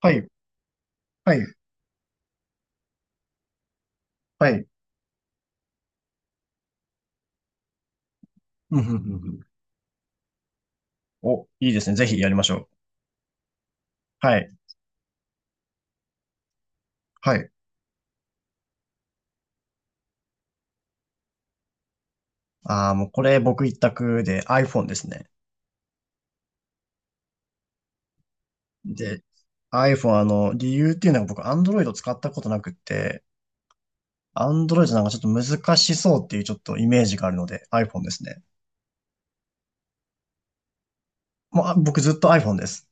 はい、はい、はい。うんうんうんうん。お、いいですね。ぜひやりましょう。はい、はい。ああ、もうこれ僕一択で iPhone ですね。で、iPhone、理由っていうのが僕 Android を使ったことなくって、Android なんかちょっと難しそうっていうちょっとイメージがあるので iPhone ですね。もう、あ、僕ずっと iPhone です。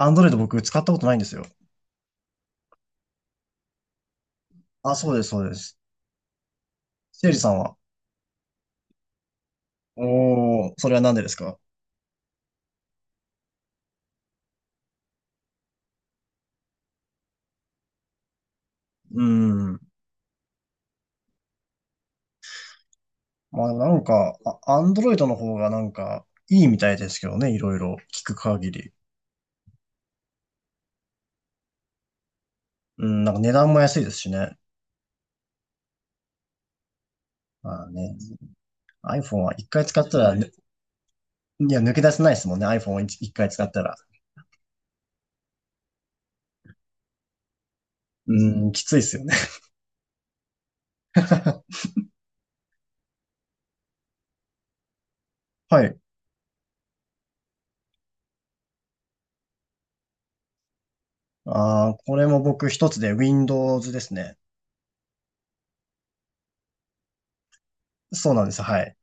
Android 僕使ったことないんですよ。あ、そうです、そうです。せいじさんは？おー、それはなんでですか？うーん。まあなんか、アンドロイドの方がなんかいいみたいですけどね、いろいろ聞く限り。うん、なんか値段も安いですしね。まあね、iPhone は一回使ったら、ね、いや、抜け出せないですもんね、iPhone を一回使ったら。うん、きついですよね。はい。ああ、これも僕一つで Windows ですね。そうなんです。はい。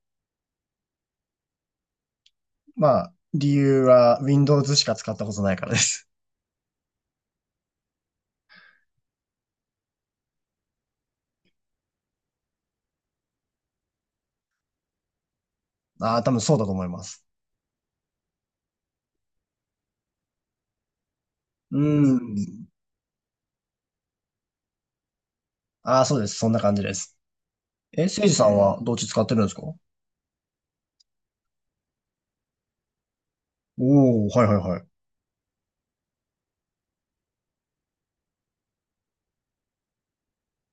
まあ、理由は Windows しか使ったことないからです。ああ、多分そうだと思います。うん。ああ、そうです。そんな感じです。え、せいじさんはどっち使ってるんですか？おお、はいはいはい。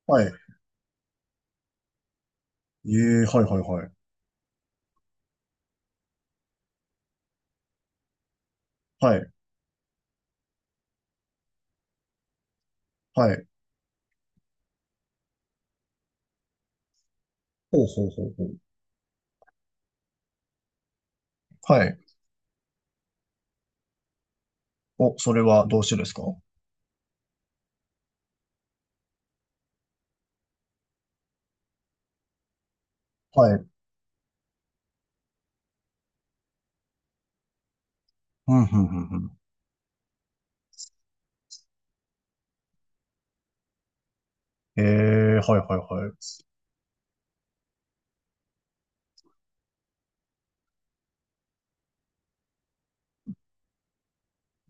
はい。ええ、はいはいはい。はい。はい。ほうほうほうほう。はい。お、それはどうしてですか？はい。うん、うん、うん、うん。ええ、はいはいはい。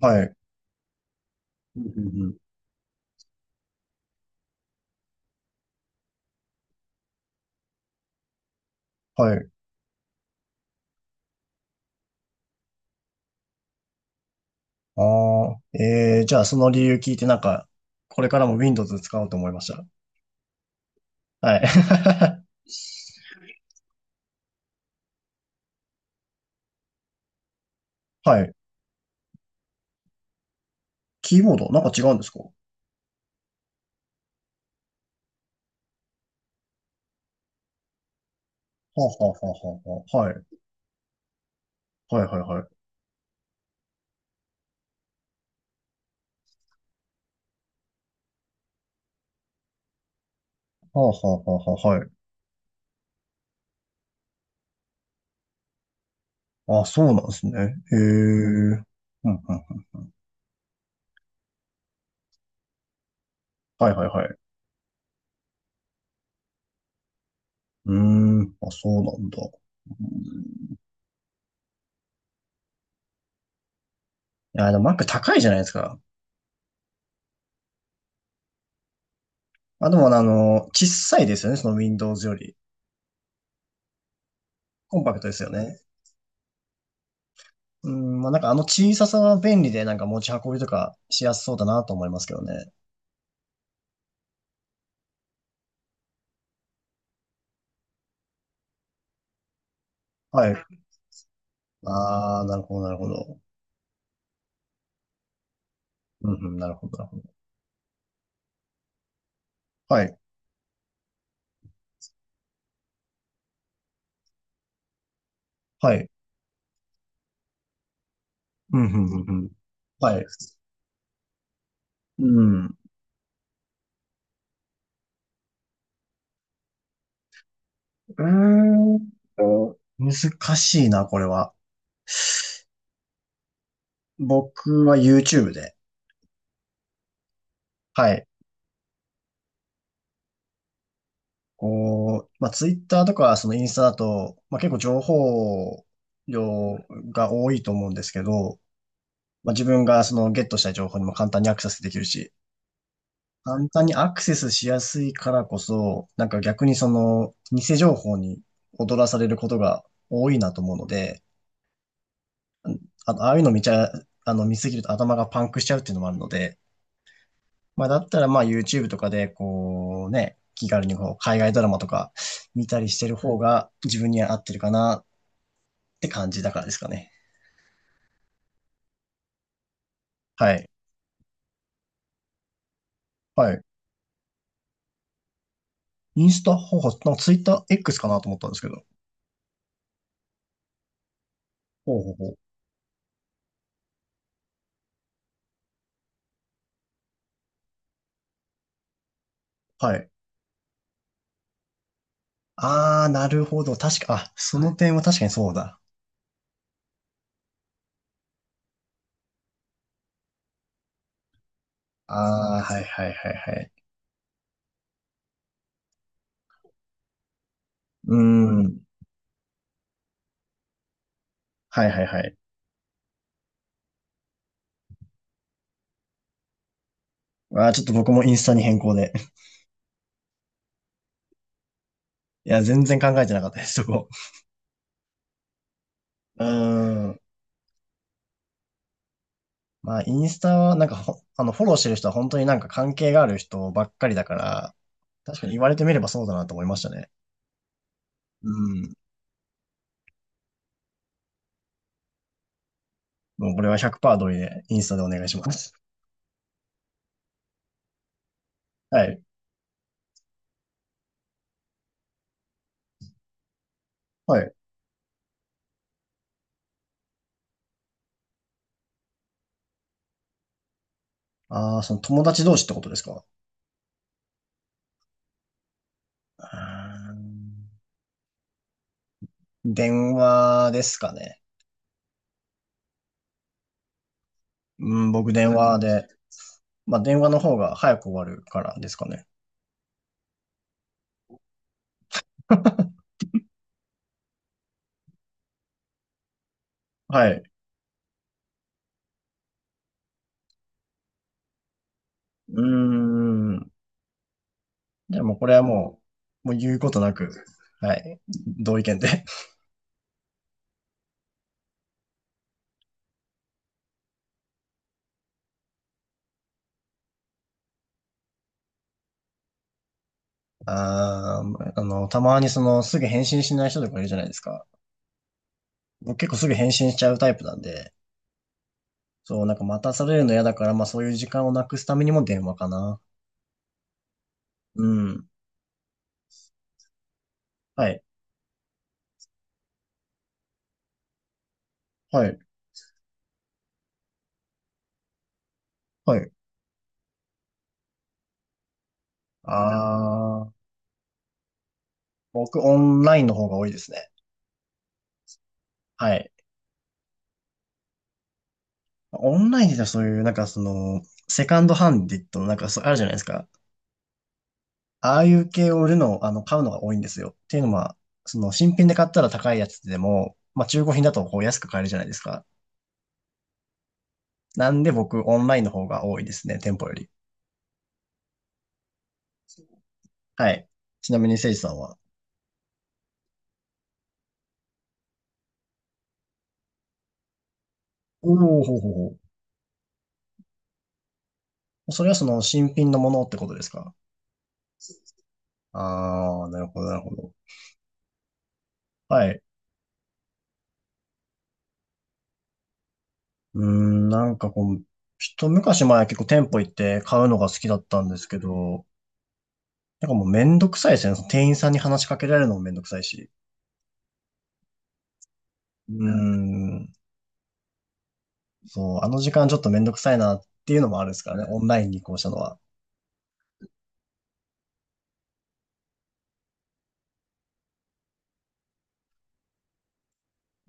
はい。うん、うん、うん。はい。ああ、ええ、じゃあその理由聞いてなんか、これからも Windows 使おうと思いました。はい。はい。キーボード、なんか違うんですか？はあ、はあはあはあはあ、はい。はいはいはい。はあ、はあはあはあ、はい。あ、そうなんですね。へえ。うんうん。はいはいはい。うーん、あ、そうなんだ。うんいや、でも Mac 高いじゃないですか。あ、でも小さいですよね、その Windows より。コンパクトですよね。うん、まあ、なんかあの小ささは便利で、なんか持ち運びとかしやすそうだなと思いますけどね。はい。ああ、なるほど、なるほど。うん、うん、なるほど、なるほど。はい、はい。うん、うん、うん、うん。はい。うん。ーん難しいな、これは。僕は YouTube で。はい。こう、まあ、ツイッターとか、そのインスタだと、まあ、結構情報量が多いと思うんですけど、まあ、自分がそのゲットした情報にも簡単にアクセスできるし、簡単にアクセスしやすいからこそ、なんか逆にその偽情報に踊らされることが多いなと思うので、あの、ああいうの見ちゃ、あの、見すぎると頭がパンクしちゃうっていうのもあるので、まあ、だったらまあ YouTube とかでこうね、気軽にこう海外ドラマとか見たりしてる方が自分には合ってるかなって感じだからですかね。はい。はい。インスタ、ほうほう、なんかツイッター X かなと思ったんですけど。ほうほうほう。はい。あー、なるほど。確か、あ、その点は確かにそうだ。あー、はいはいはいはい。うーん。はいはいはい。あー、ちょっと僕もインスタに変更で。いや、全然考えてなかったです、そこ。うーん。まあ、インスタは、なんかほ、あの、フォローしてる人は本当になんか関係がある人ばっかりだから、確かに言われてみればそうだなと思いましたね。うん。もうこれは100%同意で、インスタでお願いします。はい。はい。ああ、その友達同士ってことですか？うーん電話ですかね。うん、僕電話で。まあ、電話の方が早く終わるからですかね。はい。うーん。じゃあもうこれはもう、もう言うことなく、はい。同意見で。ああ、たまにすぐ返信しない人とかいるじゃないですか。僕結構すぐ返信しちゃうタイプなんで、そう、なんか待たされるの嫌だから、まあそういう時間をなくすためにも電話かな。うん。はい。はい。はい。ああ、僕オンラインの方が多いですね。はい。オンラインでそういう、セカンドハンディットのあるじゃないですか。ああいう系を売るの、あの、買うのが多いんですよ。っていうのは、新品で買ったら高いやつでも、まあ、中古品だとこう安く買えるじゃないですか。なんで僕、オンラインの方が多いですね、店舗より。はい。ちなみに、せいじさんは。おお、ほうほうほう。それは新品のものってことですか？ああー、なるほど、なるほど。はい。うーん、なんかこう、一昔前は結構店舗行って買うのが好きだったんですけど、なんかもうめんどくさいですね。その店員さんに話しかけられるのもめんどくさいし。うーん、そう、あの時間ちょっとめんどくさいなっていうのもあるんですからね。オンラインに移行したのは。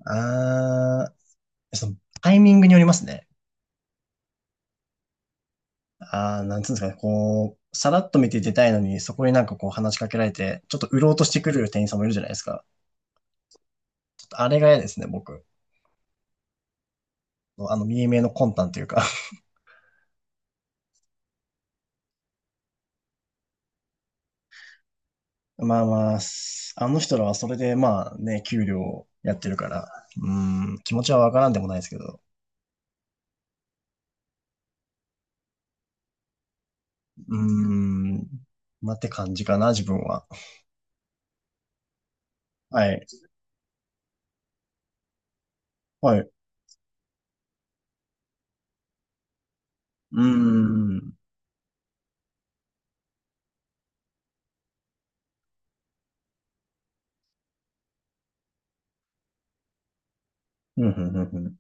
あー、そのタイミングによりますね。あー、なんつうんですかね。こう、さらっと見て出たいのに、そこになんかこう話しかけられて、ちょっと売ろうとしてくる店員さんもいるじゃないですか。ちょっとあれが嫌ですね、僕。見え見えの魂胆というかまあまあ、あの人らはそれでまあね、給料やってるから、うーん、気持ちはわからんでもないですけど、うーん、まあって感じかな、自分は。はい。はい。うーん。うん、うん、うん、うん。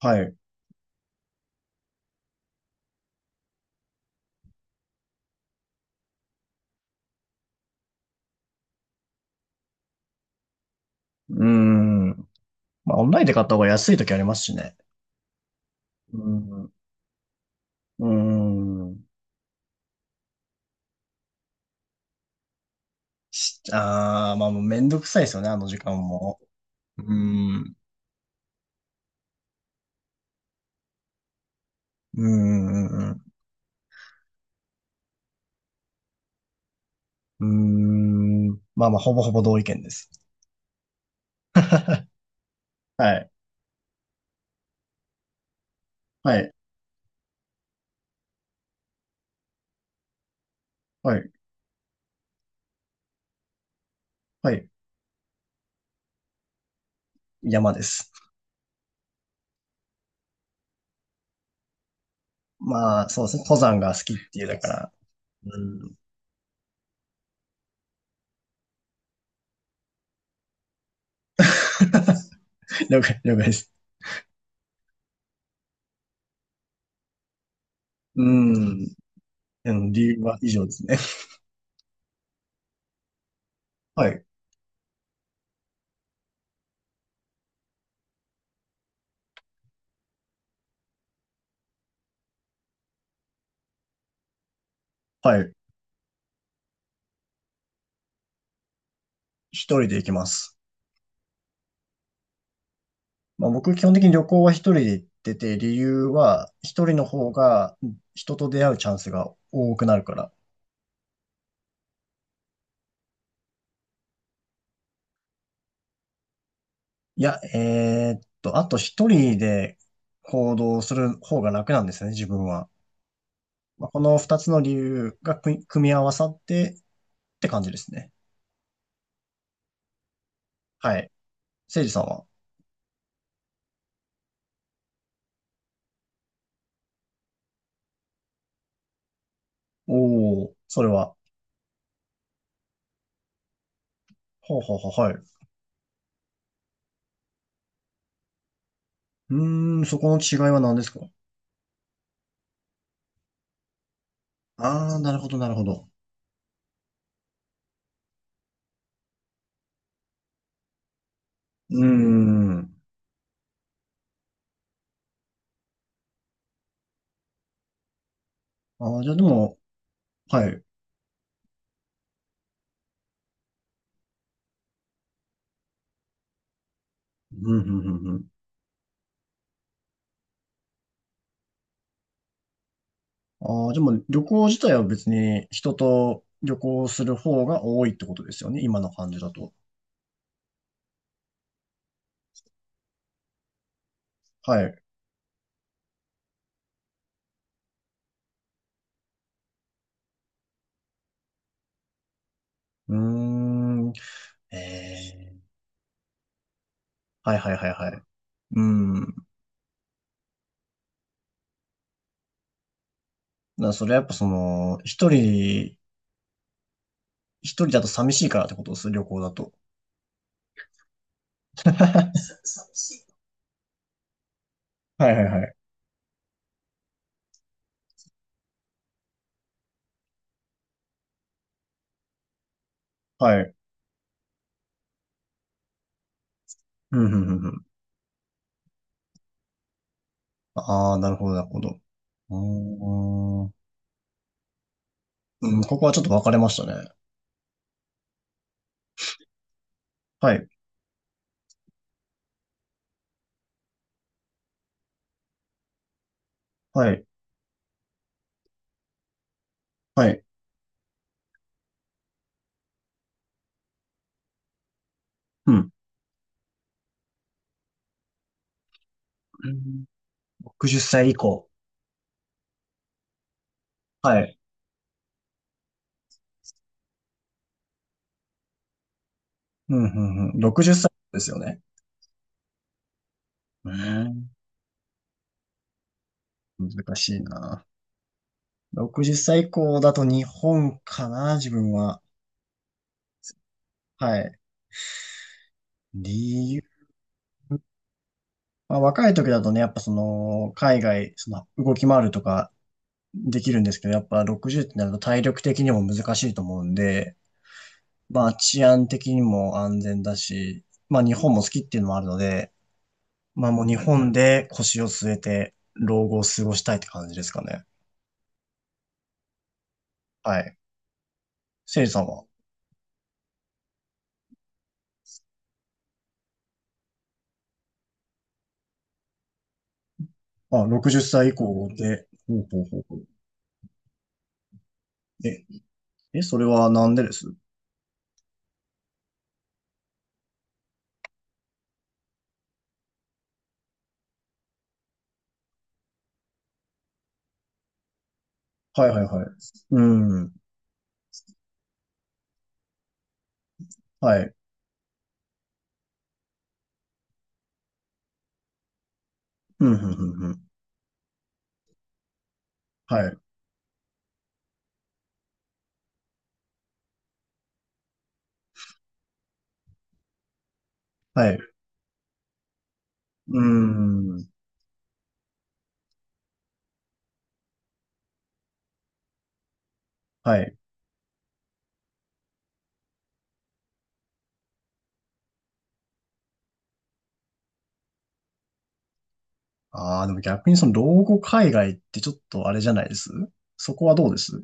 はい。うーん。まあ、オンラインで買った方が安い時ありますしね。うん。うーん。ああ、まあもうめんどくさいですよね、あの時間も。うーん。うーん、うん、うん。うーん。まあまあ、ほぼほぼ同意見です。はい。はい。はい。はい。山です。まあ、そうですね。登山が好きっていう、だから、うん。了解、了解です。うん。うん、理由は以上ですね。はい。はい。一人で行きます。まあ、僕、基本的に旅行は一人で行ってて、理由は、一人の方が人と出会うチャンスが多くなるから。いや、あと一人で行動する方が楽なんですね、自分は。まあ、この二つの理由が組み合わさってって感じですね。はい。せいじさんは？おお、それは。はあ、はあはあ、はい。うーん、そこの違いは何ですか？ああー、なるほど、なるほど。うーん。ああ、じゃあでも、はい。うん、うん、うん、うん。ああ、でも旅行自体は別に人と旅行する方が多いってことですよね、今の感じだと。はい。うーん。ええ。はいはいはいはい。うん。だからそれはやっぱその、一人だと寂しいからってことです、旅行だと。はいはいはい。はい。うん、うん、うんうん。ああ、なるほど、なるほど。うーん、うん、ここはちょっと分かれましたね。はい、はい、はい。うん。うん。60歳以降。はい。うん、うん、うん。60歳ですよね。うん、難しいな。60歳以降だと日本かな、自分は。はい。理由。まあ、若い時だとね、やっぱその、海外、その、動き回るとかできるんですけど、やっぱ60ってなると体力的にも難しいと思うんで、まあ治安的にも安全だし、まあ日本も好きっていうのもあるので、まあもう日本で腰を据えて老後を過ごしたいって感じですかね。はい。せいじさんは、あ、60歳以降で、ほうほうほうほう。え、それはなんでです？はいはいはい。うん。はい。うん、うん、うん、うん。はい。はい。うん。はい。ああ、でも逆にその老後海外ってちょっとあれじゃないです？そこはどうです？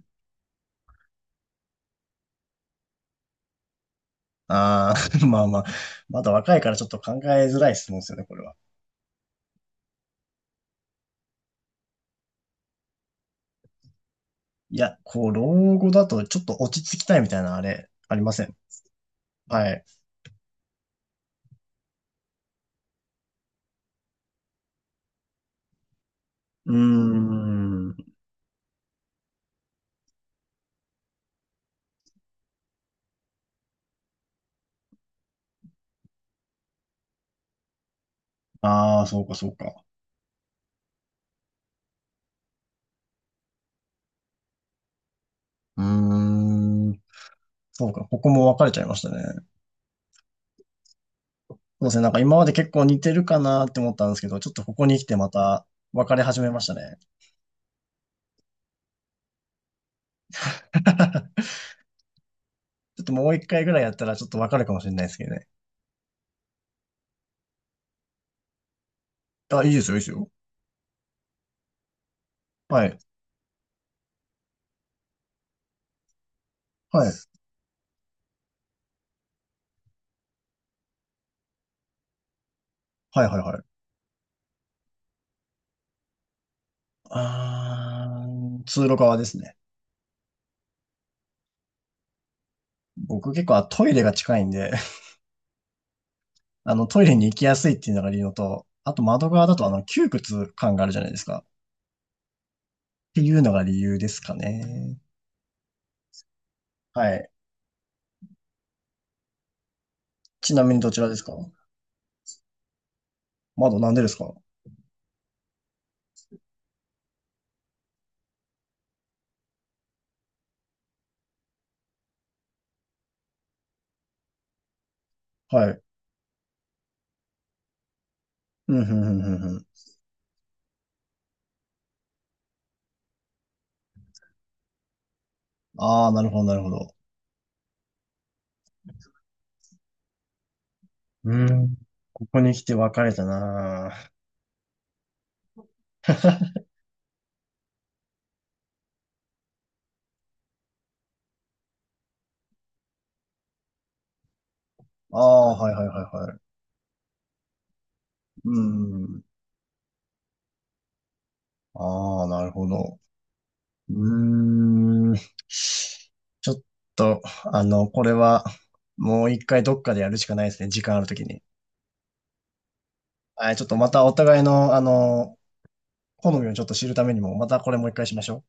ああ、まあまあ、まだ若いからちょっと考えづらい質問ですよね、これは。いや、こう、老後だとちょっと落ち着きたいみたいなあれ、ありません？はい。うーん。ああ、そうか、そうか。うーん。そうか、ここも分かれちゃいましたね。そうですね、なんか今まで結構似てるかなって思ったんですけど、ちょっとここに来てまた分かれ始めましたね。ちょっともう一回ぐらいやったらちょっと分かるかもしれないですけどね。あ、いいですよ、いいですよ。はい。はい。はい、はい、はい。あー、通路側ですね。僕結構トイレが近いんで、あのトイレに行きやすいっていうのが理由のと、あと窓側だとあの窮屈感があるじゃないですか。っていうのが理由ですかね。はい。ちなみにどちらですか？窓なんでですか？はい。うん、ふんふんふんふん。ああ、なるほど、なるほど。うん。ここに来て別れたなあ。ああ、はいはいはいはい。うん。ああ、なるほど。うーん。ちょっと、あの、これは、もう一回どっかでやるしかないですね。時間あるときに。はい、ちょっとまたお互いの、あの、好みをちょっと知るためにも、またこれもう一回しましょう。